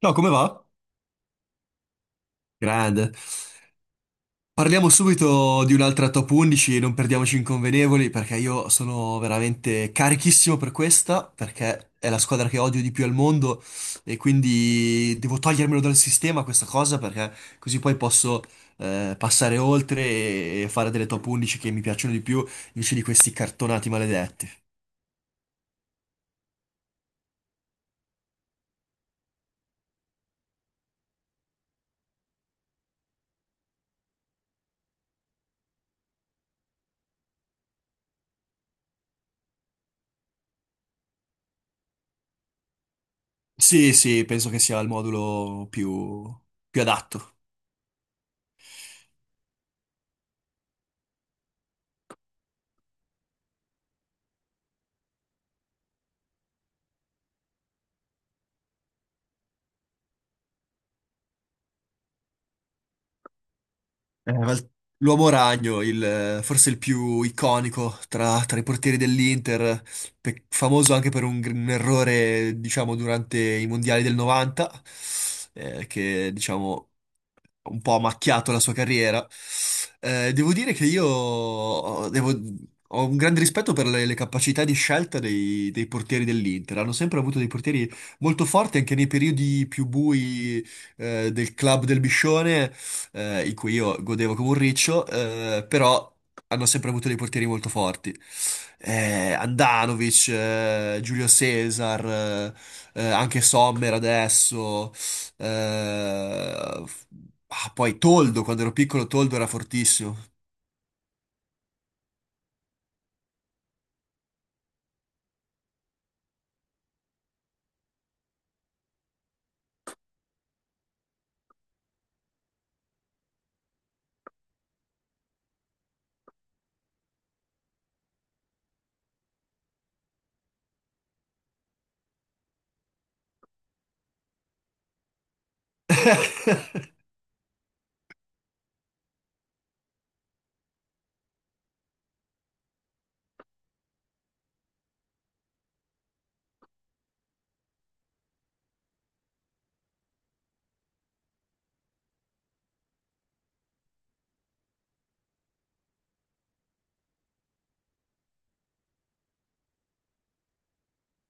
Ciao, come va? Grande. Parliamo subito di un'altra top 11, non perdiamoci inconvenevoli, perché io sono veramente carichissimo per questa, perché è la squadra che odio di più al mondo e quindi devo togliermelo dal sistema questa cosa, perché così poi posso passare oltre e fare delle top 11 che mi piacciono di più, invece di questi cartonati maledetti. Sì, sì, penso che sia il modulo più adatto. Eh, ma il- L'uomo ragno, forse il più iconico tra i portieri dell'Inter, famoso anche per un errore, diciamo, durante i mondiali del 90, che, diciamo, un po' ha macchiato la sua carriera. Devo dire che io ho un grande rispetto per le capacità di scelta dei portieri dell'Inter. Hanno sempre avuto dei portieri molto forti anche nei periodi più bui, del club del Biscione in cui io godevo come un riccio, però hanno sempre avuto dei portieri molto forti. Andanovic, Giulio Cesar, anche Sommer adesso, eh, f- poi Toldo, quando ero piccolo Toldo era fortissimo.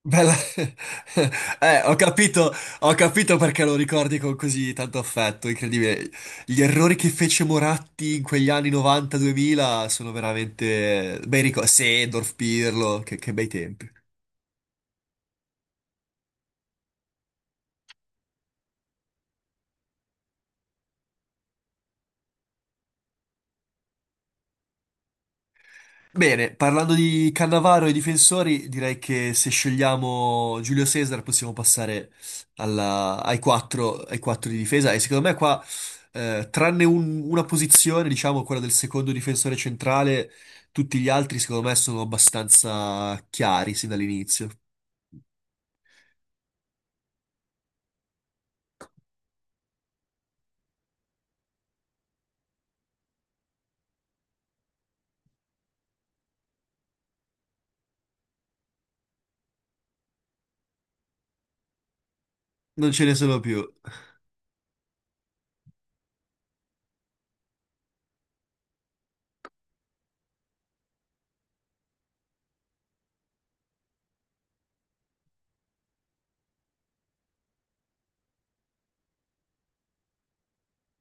Bella. Ho capito, ho capito perché lo ricordi con così tanto affetto, incredibile. Gli errori che fece Moratti in quegli anni 90-2000 sono veramente bei ricordi. Seedorf, Pirlo, che bei tempi. Bene, parlando di Cannavaro e difensori, direi che se scegliamo Giulio Cesar possiamo passare ai quattro di difesa e secondo me qua, tranne una posizione, diciamo quella del secondo difensore centrale, tutti gli altri secondo me sono abbastanza chiari sin dall'inizio. Non ce ne sono più.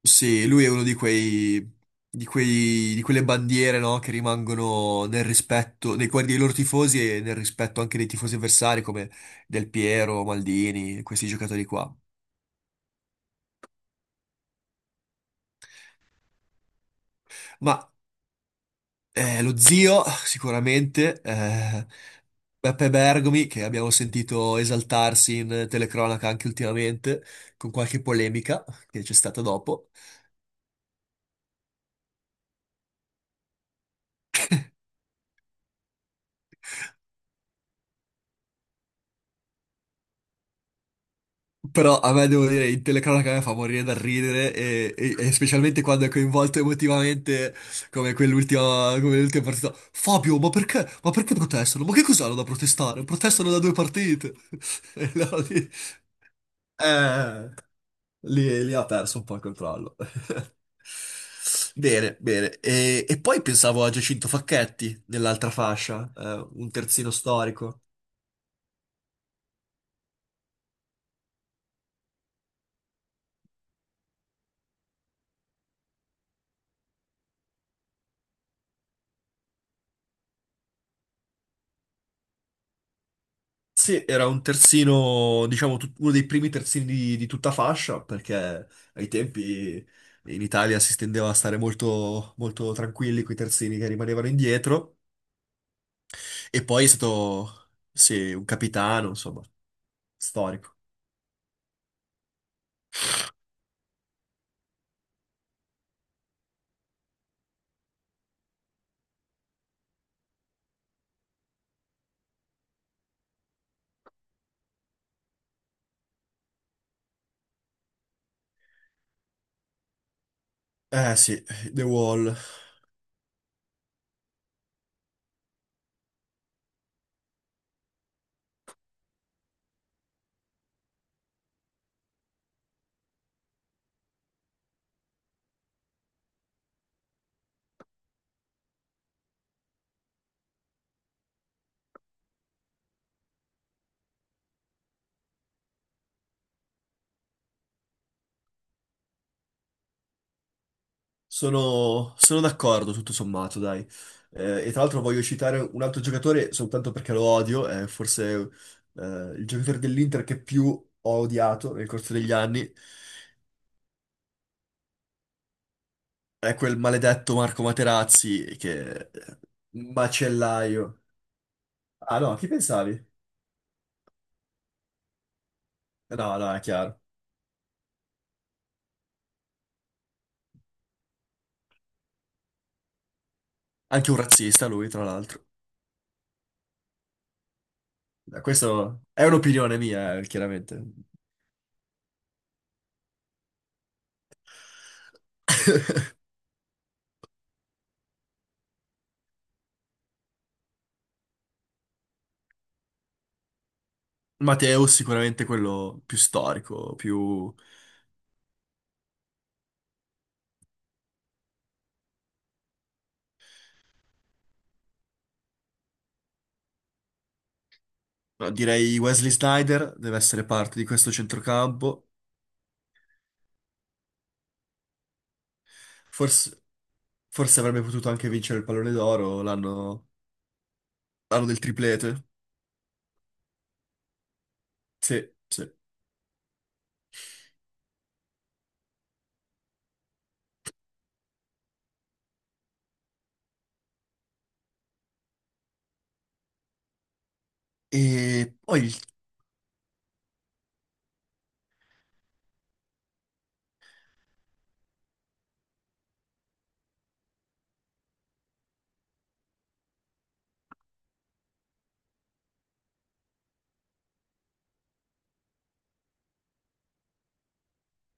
Sì, lui è uno di quelle bandiere, no, che rimangono nel rispetto nei cuori dei loro tifosi e nel rispetto anche dei tifosi avversari come Del Piero, Maldini, questi giocatori qua. Ma lo zio, sicuramente, Beppe Bergomi, che abbiamo sentito esaltarsi in telecronaca anche ultimamente, con qualche polemica che c'è stata dopo. Però a me devo dire, in telecronaca a me fa morire dal ridere e specialmente quando è coinvolto emotivamente come l'ultima partita. Fabio, ma perché? Ma perché protestano? Ma che cos'hanno da protestare? Protestano da due partite. E allora eh, lì ha perso un po' il controllo. Bene, bene. E poi pensavo a Giacinto Facchetti nell'altra fascia, un terzino storico. Sì, era un terzino, diciamo, uno dei primi terzini di tutta fascia, perché ai tempi in Italia si tendeva a stare molto, molto tranquilli con i terzini che rimanevano indietro. E poi è stato, sì, un capitano, insomma, storico. Eh sì, The Wall. Sono d'accordo, tutto sommato, dai. E tra l'altro voglio citare un altro giocatore soltanto perché lo odio, è forse il giocatore dell'Inter che più ho odiato nel corso degli anni. È quel maledetto Marco Materazzi che un Macellaio. Ah no, chi pensavi? No, no, è chiaro. Anche un razzista lui, tra l'altro. Questo è un'opinione mia, chiaramente. Matteo sicuramente quello più storico, più. No, direi Wesley Snyder deve essere parte di questo centrocampo. Forse, forse avrebbe potuto anche vincere il pallone d'oro l'anno del triplete. Sì, sì. E poi il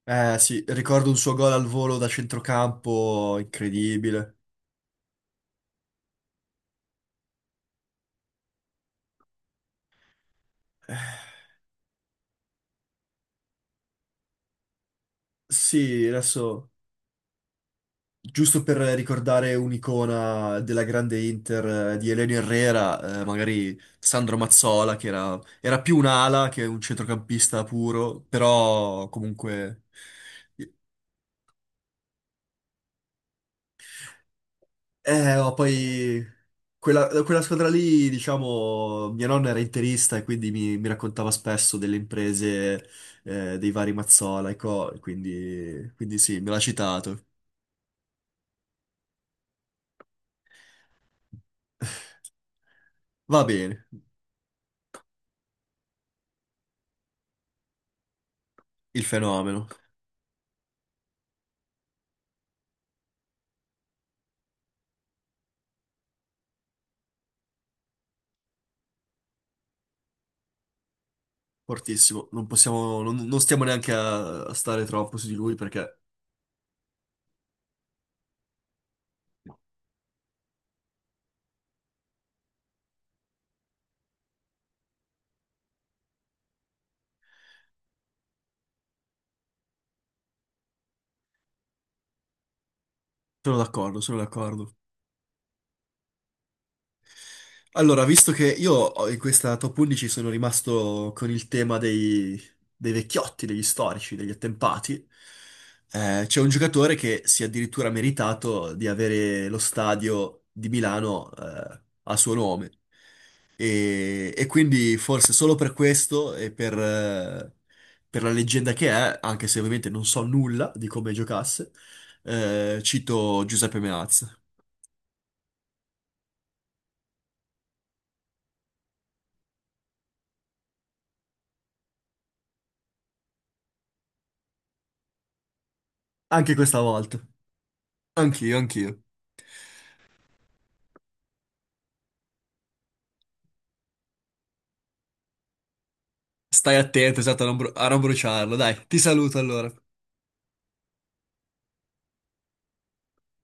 Eh sì, ricordo un suo gol al volo da centrocampo, incredibile. Eh, Sì, adesso, giusto per ricordare un'icona della grande Inter di Elenio Herrera, magari Sandro Mazzola, che era più un ala che un centrocampista puro, però comunque. Ma poi quella squadra lì, diciamo, mia nonna era interista e quindi mi raccontava spesso delle imprese dei vari Mazzola e co, quindi, sì, me l'ha citato. Va bene, il fenomeno, fortissimo. Non possiamo, non stiamo neanche a stare troppo su di lui perché sono d'accordo, sono d'accordo. Allora, visto che in questa top 11 sono rimasto con il tema dei vecchiotti, degli storici, degli attempati, c'è un giocatore che si è addirittura meritato di avere lo stadio di Milano, a suo nome. E quindi forse solo per questo e per la leggenda che è, anche se ovviamente non so nulla di come giocasse, cito Giuseppe Meazza. Anche questa volta. Anch'io, anch'io. Stai attento, esatto, a non bruciarlo. Dai, ti saluto allora.